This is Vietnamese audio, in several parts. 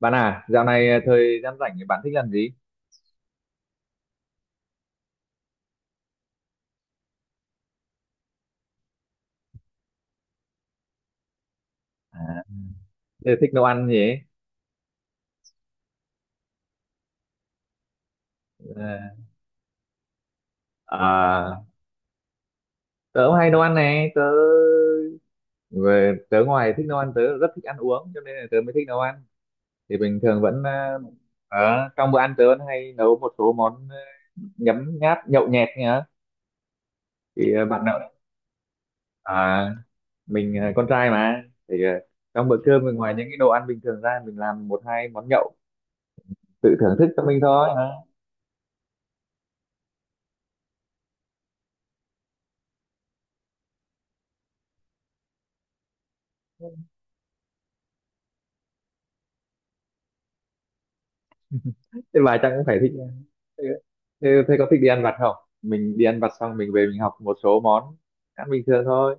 Bạn à, dạo này à, thời gian rảnh thì bạn thích làm gì? À, tớ thích nấu ăn gì ấy. Ờ. À, tớ cũng hay nấu ăn này, tớ ngoài thích nấu ăn tớ rất thích ăn uống cho nên là tớ mới thích nấu ăn. Thì bình thường vẫn ở trong bữa ăn tớ vẫn hay nấu một số món nhấm nháp nhậu nhẹt nhá. Thì bạn nào à mình con trai mà thì trong bữa cơm mình ngoài những cái đồ ăn bình thường ra mình làm một hai món nhậu tự thưởng thức cho mình thôi. Thế bà chắc cũng phải thích thế, thế có thích đi ăn vặt không? Mình đi ăn vặt xong mình về mình học một số món ăn bình thường thôi.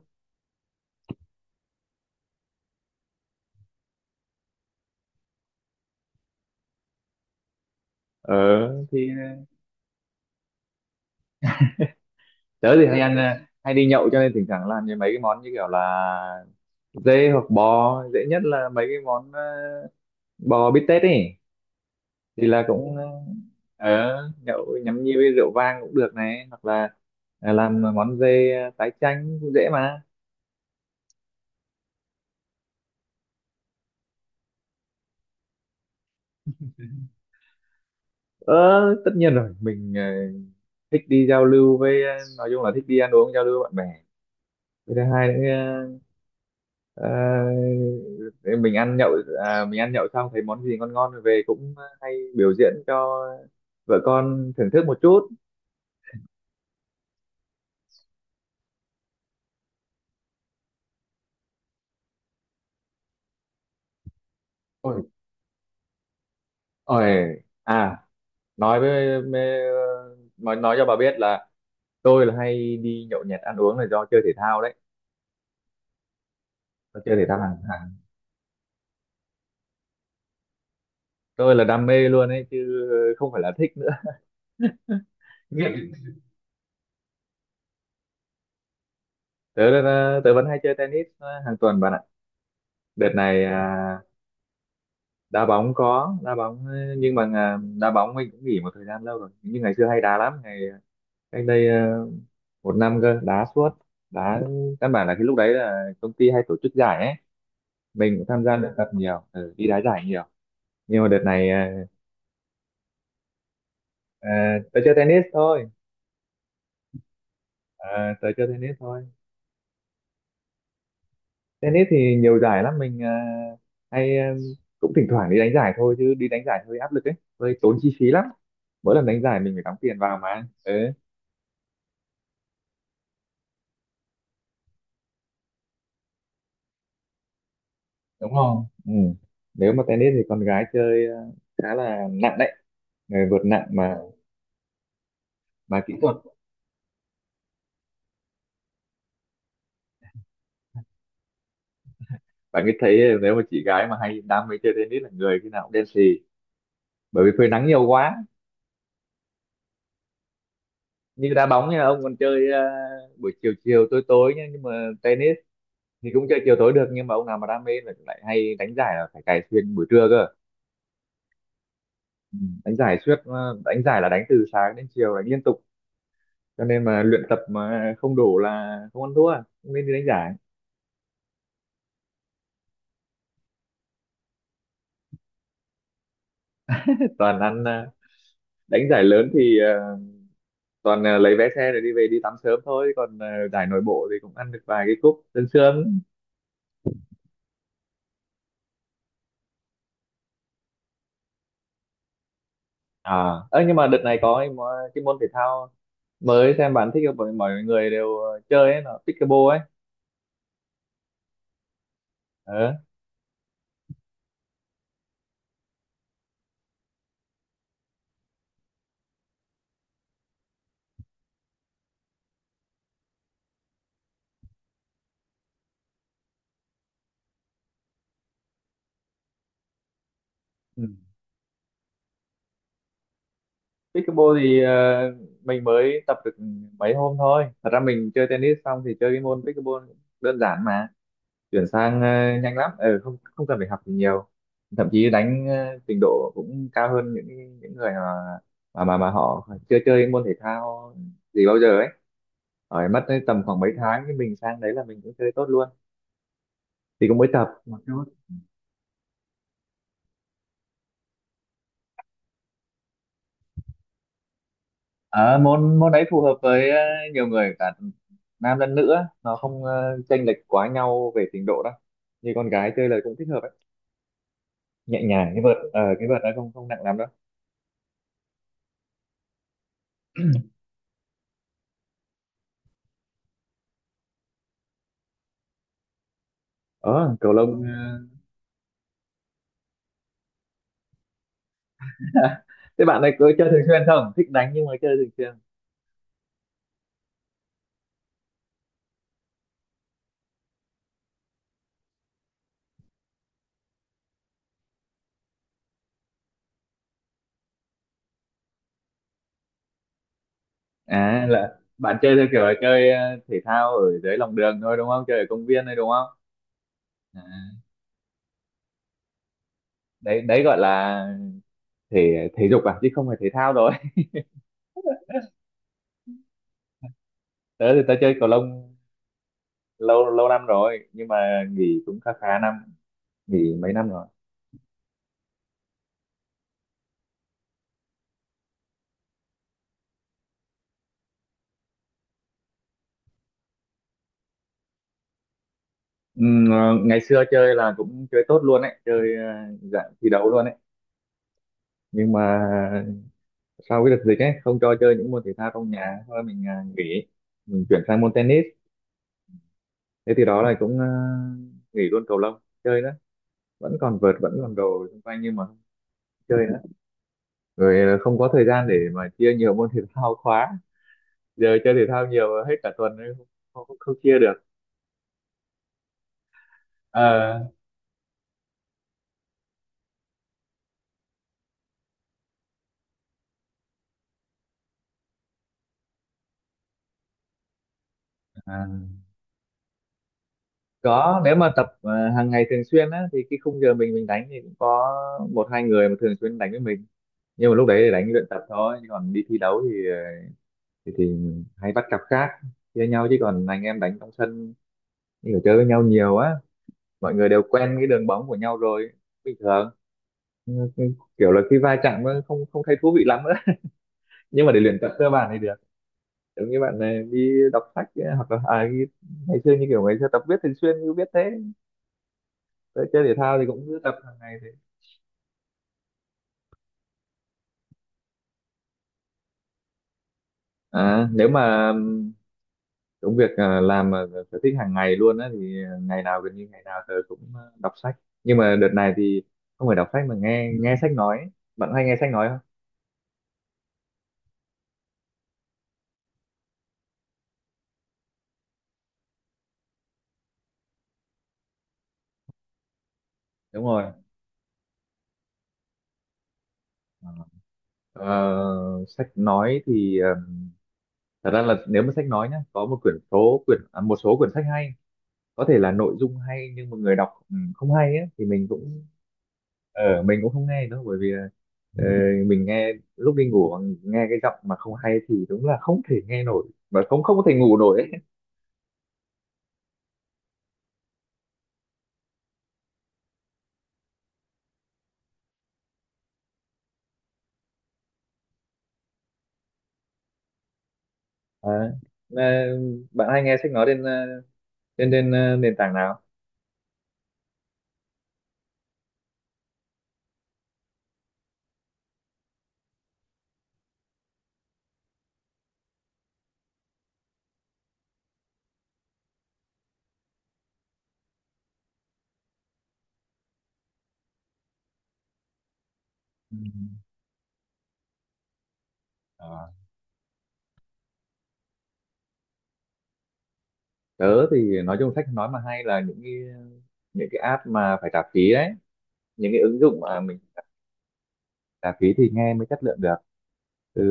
Ờ thì tớ thì hay ăn hay đi nhậu cho nên thỉnh thoảng làm như mấy cái món như kiểu là dê hoặc bò, dễ nhất là mấy cái món bò bít tết ấy, thì là cũng ờ nhậu nhắm nhi với rượu vang cũng được này, hoặc là làm món dê tái chanh cũng dễ mà. Ờ tất nhiên rồi, mình thích đi giao lưu với, nói chung là thích đi ăn uống giao lưu với bạn bè, với thứ hai nữa. ờ, ờ, mình ăn nhậu xong thấy món gì ngon ngon rồi về cũng hay biểu diễn cho vợ con thưởng thức một chút. Ôi, ôi nói với nói cho bà biết là tôi là hay đi nhậu nhẹt ăn uống là do chơi thể thao đấy, do chơi thể thao hàng hàng tôi là đam mê luôn ấy chứ không phải là thích nữa. Nghiện. Tớ vẫn hay chơi tennis hàng tuần bạn ạ. Đợt này đá bóng, có đá bóng ấy, nhưng mà đá bóng mình cũng nghỉ một thời gian lâu rồi, nhưng ngày xưa hay đá lắm. Ngày cách đây một năm cơ, đá suốt. đá Căn bản là cái lúc đấy là công ty hay tổ chức giải ấy, mình cũng tham gia luyện tập nhiều, đi đá giải nhiều. Nhưng mà đợt này tớ chơi tennis thôi. Tớ chơi tennis thôi. Tennis thì nhiều giải lắm, mình hay cũng thỉnh thoảng đi đánh giải thôi chứ đi đánh giải hơi áp lực ấy, hơi tốn chi phí lắm, mỗi lần đánh giải mình phải đóng tiền vào mà. Ừ. Đúng không? Ừ. Nếu mà tennis thì con gái chơi khá là nặng đấy, người vượt nặng mà kỹ thuật. Bạn cứ thấy nếu mà chị gái mà hay đam mê chơi tennis là người khi nào cũng đen xì, bởi vì phơi nắng nhiều quá. Như đá bóng nha, ông còn chơi buổi chiều chiều tối tối nhá, nhưng mà tennis thì cũng chơi chiều tối được, nhưng mà ông nào mà đam mê là lại hay đánh giải là phải cày xuyên buổi trưa cơ. Ừ. Đánh giải suốt, đánh giải là đánh từ sáng đến chiều đánh liên tục, cho nên mà luyện tập mà không đủ là không ăn thua, không nên đi đánh giải. Toàn ăn, đánh giải lớn thì toàn lấy vé xe để đi về đi tắm sớm thôi, còn giải nội bộ thì cũng ăn được vài cái cúp sương sương. À ơ Nhưng mà đợt này có cái môn thể thao mới, xem bạn thích không? Mọi người đều chơi ấy là pickleball ấy. Ờ. Ừ. Pickleball thì mình mới tập được mấy hôm thôi. Thật ra mình chơi tennis xong thì chơi cái môn pickleball cũng đơn giản mà, chuyển sang nhanh lắm, không không cần phải học gì nhiều. Thậm chí đánh trình độ cũng cao hơn những người mà họ chưa chơi môn thể thao gì bao giờ ấy, hỏi mất tới tầm khoảng mấy tháng thì mình sang đấy là mình cũng chơi tốt luôn. Thì cũng mới tập một chút. Ờ, môn môn đấy phù hợp với nhiều người cả nam lẫn nữ á. Nó không chênh lệch quá nhau về trình độ đâu, như con gái chơi là cũng thích hợp ấy, nhẹ nhàng. Cái vợt nó không không nặng lắm đâu. Ờ Cầu lông. Ờ, Thế bạn này có chơi thường xuyên không? Thích đánh nhưng mà chơi thường xuyên. Là bạn chơi theo kiểu là chơi thể thao ở dưới lòng đường thôi đúng không, chơi ở công viên thôi đúng không? À, đấy đấy gọi là thể thể dục à chứ không phải thể thao rồi. Tớ thì tớ chơi cầu lông lâu lâu năm rồi nhưng mà nghỉ cũng khá khá năm, nghỉ mấy năm rồi. Ờ, Ngày xưa chơi là cũng chơi tốt luôn ấy, chơi dạng thi đấu luôn ấy, nhưng mà sau cái đợt dịch ấy không cho chơi những môn thể thao trong nhà, thôi mình nghỉ, mình chuyển sang môn tennis. Thế thì đó là cũng nghỉ luôn cầu lông chơi nữa, vẫn còn vợt vẫn còn đồ xung quanh nhưng mà không chơi nữa. Rồi không có thời gian để mà chia nhiều môn thể thao quá, giờ chơi thể thao nhiều hết cả tuần nên không, không, không chia được. Ờ, à, có. Nếu mà tập hàng ngày thường xuyên á thì cái khung giờ mình đánh thì cũng có một hai người mà thường xuyên đánh với mình, nhưng mà lúc đấy thì đánh luyện tập thôi chứ còn đi thi đấu thì thì hay bắt cặp khác, chia nhau chứ còn anh em đánh trong sân thì phải chơi với nhau nhiều á, mọi người đều quen cái đường bóng của nhau rồi bình thường. Ừ, ừ, kiểu là khi va chạm nó không không thấy thú vị lắm nữa. Nhưng mà để luyện tập cơ bản thì được, giống như bạn này đi đọc sách ấy, hoặc là ngày xưa như kiểu ngày xưa tập viết thường xuyên cứ viết thế. Rồi chơi thể thao thì cũng cứ tập hàng ngày thế. À, nếu mà công việc làm mà sở thích hàng ngày luôn á, thì ngày nào gần như ngày nào tớ cũng đọc sách. Nhưng mà đợt này thì không phải đọc sách mà nghe nghe sách nói. Bạn hay nghe sách nói không? Đúng rồi. Ờ, sách nói thì thật ra là nếu mà sách nói nhá, có một quyển số quyển à, một số quyển sách hay, có thể là nội dung hay nhưng mà người đọc không hay ấy, thì mình cũng, mình cũng không nghe nữa bởi vì là, ờ, mình nghe lúc đi ngủ mà, nghe cái giọng mà không hay thì đúng là không thể nghe nổi và không không có thể ngủ nổi ấy. À, là bạn hay nghe sách nói trên ờ, trên trên ờ, nền tảng nào? Ừ. Ờ. Tớ thì nói chung sách nói mà hay là những cái app mà phải trả phí đấy, những cái ứng dụng mà mình trả phí thì nghe mới chất lượng được, từ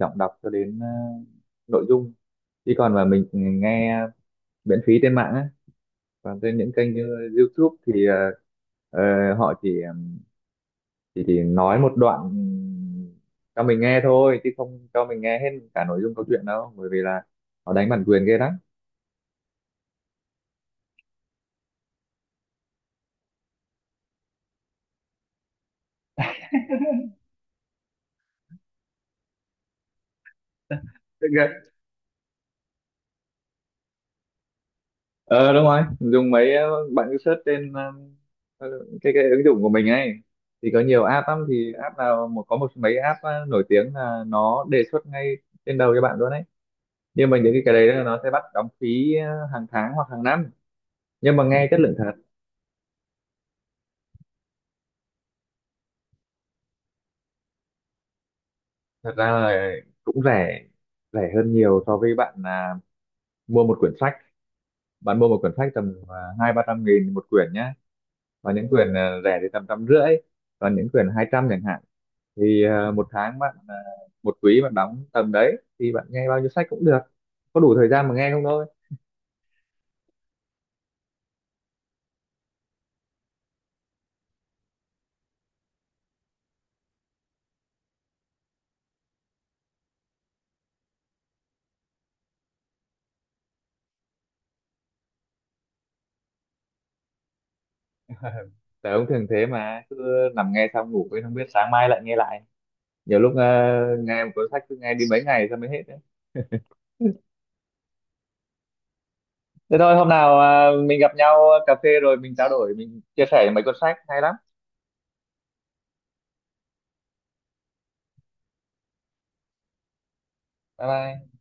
giọng đọc cho đến nội dung, chứ còn mà mình nghe miễn phí trên mạng á, còn trên những kênh như YouTube thì họ chỉ nói một đoạn cho mình nghe thôi chứ không cho mình nghe hết cả nội dung câu chuyện đâu, bởi vì là họ đánh bản quyền ghê lắm. Ờ Đúng rồi, dùng mấy, bạn cứ search trên ờ, cái ứng dụng của mình ấy, thì có nhiều app lắm. Thì app nào một có một mấy app nổi tiếng là nó đề xuất ngay trên đầu cho bạn luôn đấy, nhưng mà những cái đấy là nó sẽ bắt đóng phí hàng tháng hoặc hàng năm, nhưng mà nghe chất lượng thật. Thật ra là cũng rẻ, rẻ hơn nhiều so với bạn là mua một quyển sách. Bạn mua một quyển sách tầm 200-300 nghìn một quyển nhá, và những quyển rẻ thì tầm 150, còn những quyển 200 chẳng hạn, thì một quý bạn đóng tầm đấy thì bạn nghe bao nhiêu sách cũng được, có đủ thời gian mà nghe không thôi. Tớ cũng thường thế mà, cứ nằm nghe xong ngủ quên, không biết sáng mai lại nghe lại. Nhiều lúc nghe một cuốn sách cứ nghe đi mấy ngày xong mới hết đấy. Thế thôi hôm nào mình gặp nhau cà phê rồi mình trao đổi, mình chia sẻ mấy cuốn sách hay lắm. Bye bye.